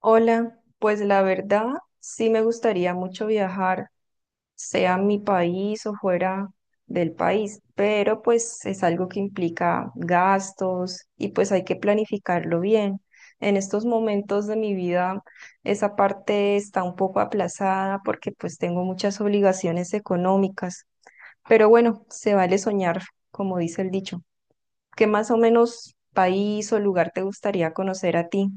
Hola, pues la verdad sí me gustaría mucho viajar, sea a mi país o fuera del país, pero pues es algo que implica gastos y pues hay que planificarlo bien. En estos momentos de mi vida esa parte está un poco aplazada porque pues tengo muchas obligaciones económicas, pero bueno, se vale soñar, como dice el dicho. ¿Qué más o menos país o lugar te gustaría conocer a ti?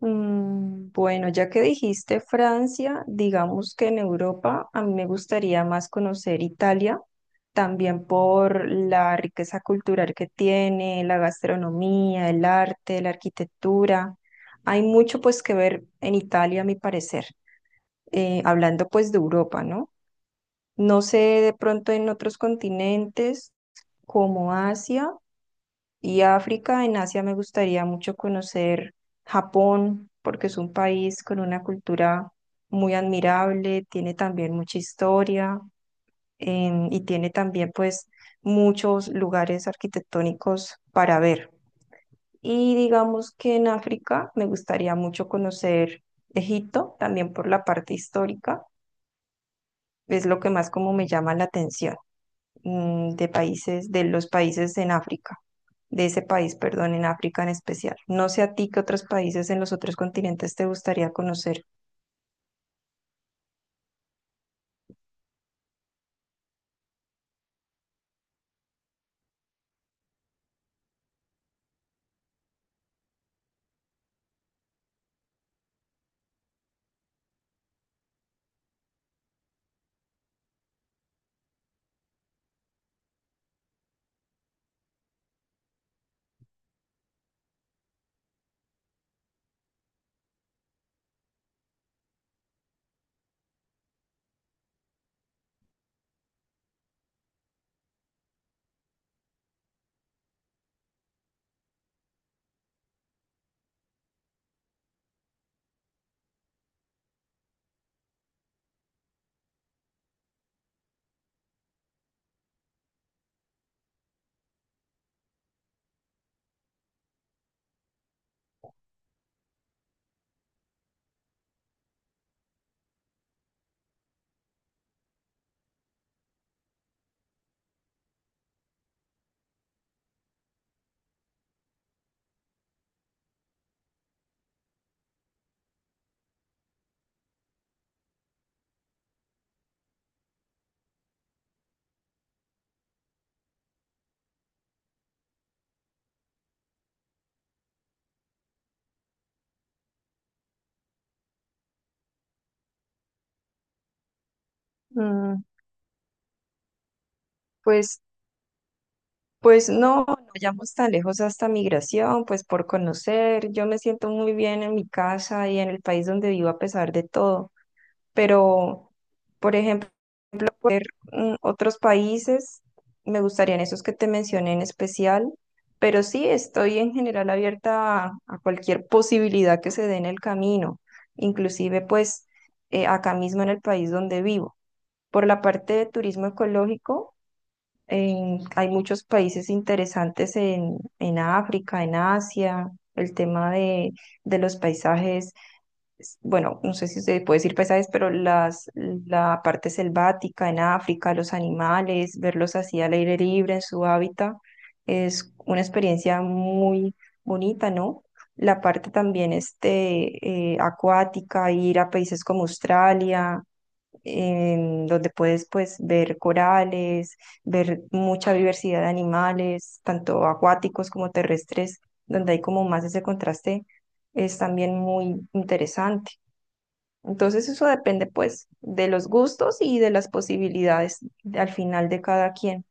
Mm, bueno, ya que dijiste Francia, digamos que en Europa a mí me gustaría más conocer Italia, también por la riqueza cultural que tiene, la gastronomía, el arte, la arquitectura. Hay mucho pues que ver en Italia, a mi parecer, hablando pues de Europa, ¿no? No sé de pronto en otros continentes como Asia. Y África, en Asia me gustaría mucho conocer Japón, porque es un país con una cultura muy admirable, tiene también mucha historia, y tiene también pues muchos lugares arquitectónicos para ver. Y digamos que en África me gustaría mucho conocer Egipto, también por la parte histórica, es lo que más como me llama la atención de países, de los países en África, de ese país, perdón, en África en especial. No sé a ti qué otros países en los otros continentes te gustaría conocer. Mm, pues, pues no, no vayamos tan lejos hasta migración, pues por conocer. Yo me siento muy bien en mi casa y en el país donde vivo a pesar de todo, pero, por ejemplo, ver otros países, me gustarían esos que te mencioné en especial, pero sí estoy en general abierta a cualquier posibilidad que se dé en el camino, inclusive pues acá mismo en el país donde vivo. Por la parte de turismo ecológico, hay muchos países interesantes en África, en Asia, el tema de los paisajes bueno, no sé si se puede decir paisajes, pero las, la parte selvática en África, los animales, verlos así al aire libre en su hábitat, es una experiencia muy bonita, ¿no? La parte también este, acuática, ir a países como Australia, donde puedes pues ver corales, ver mucha diversidad de animales, tanto acuáticos como terrestres, donde hay como más ese contraste es también muy interesante. Entonces eso depende pues de los gustos y de las posibilidades al final de cada quien.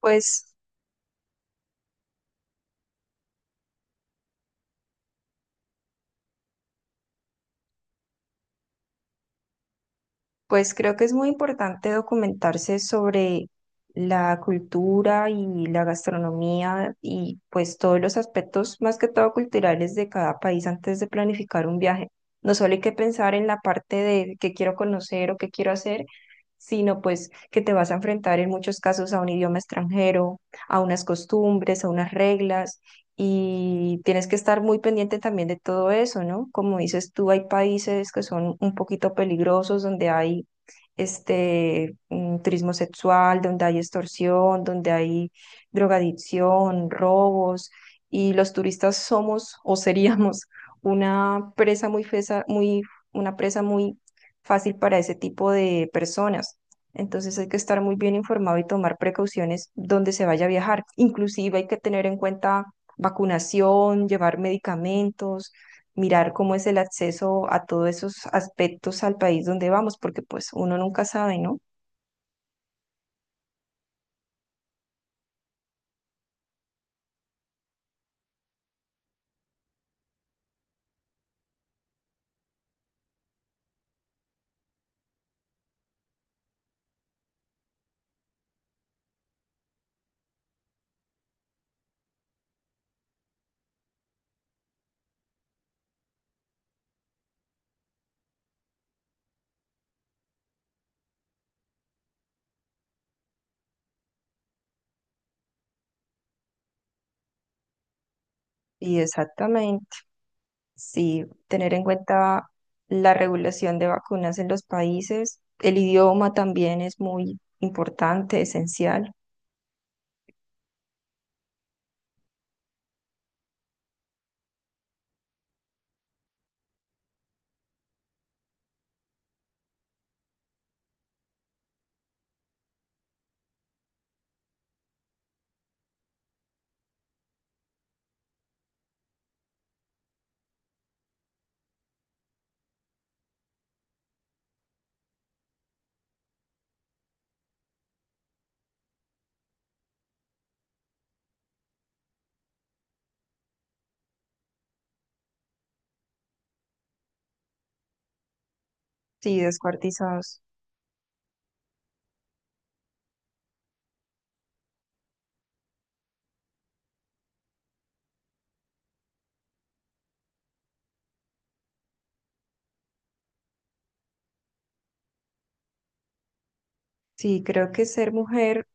Pues, pues creo que es muy importante documentarse sobre la cultura y la gastronomía y pues todos los aspectos más que todo culturales de cada país antes de planificar un viaje. No solo hay que pensar en la parte de qué quiero conocer o qué quiero hacer, sino pues que te vas a enfrentar en muchos casos a un idioma extranjero, a unas costumbres, a unas reglas. Y tienes que estar muy pendiente también de todo eso, ¿no? Como dices tú, hay países que son un poquito peligrosos, donde hay este turismo sexual, donde hay extorsión, donde hay drogadicción, robos, y los turistas somos o seríamos una presa una presa muy fácil para ese tipo de personas. Entonces hay que estar muy bien informado y tomar precauciones donde se vaya a viajar. Inclusive hay que tener en cuenta vacunación, llevar medicamentos, mirar cómo es el acceso a todos esos aspectos al país donde vamos, porque pues uno nunca sabe, ¿no? Y exactamente. Sí, tener en cuenta la regulación de vacunas en los países. El idioma también es muy importante, esencial. Sí, descuartizados. Sí, creo que ser mujer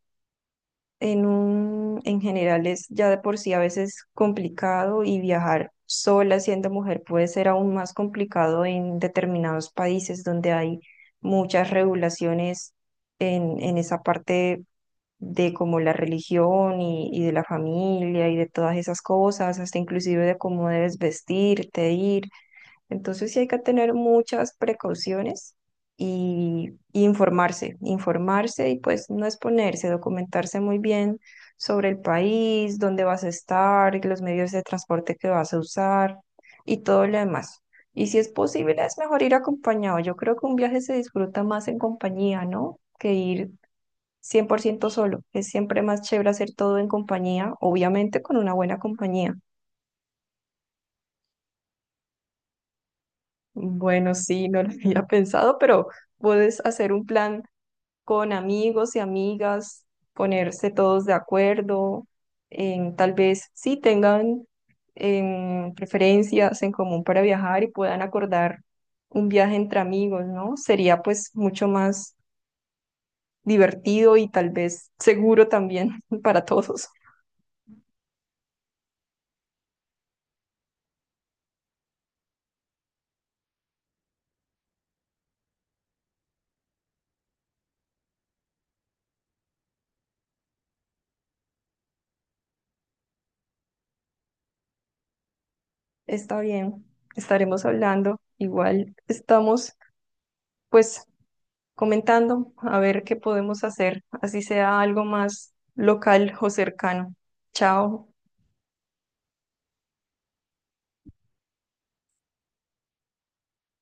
en general es ya de por sí a veces complicado y viajar sola siendo mujer puede ser aún más complicado en determinados países donde hay muchas regulaciones en esa parte de como la religión y de la familia y de todas esas cosas, hasta inclusive de cómo debes vestirte, ir. Entonces sí hay que tener muchas precauciones y informarse, informarse y pues no exponerse, documentarse muy bien sobre el país, dónde vas a estar, los medios de transporte que vas a usar y todo lo demás. Y si es posible, es mejor ir acompañado. Yo creo que un viaje se disfruta más en compañía, ¿no? Que ir 100% solo. Es siempre más chévere hacer todo en compañía, obviamente con una buena compañía. Bueno, sí, no lo había pensado, pero puedes hacer un plan con amigos y amigas, ponerse todos de acuerdo, en, tal vez sí tengan preferencias en común para viajar y puedan acordar un viaje entre amigos, ¿no? Sería pues mucho más divertido y tal vez seguro también para todos. Está bien, estaremos hablando. Igual estamos pues comentando a ver qué podemos hacer, así sea algo más local o cercano. Chao.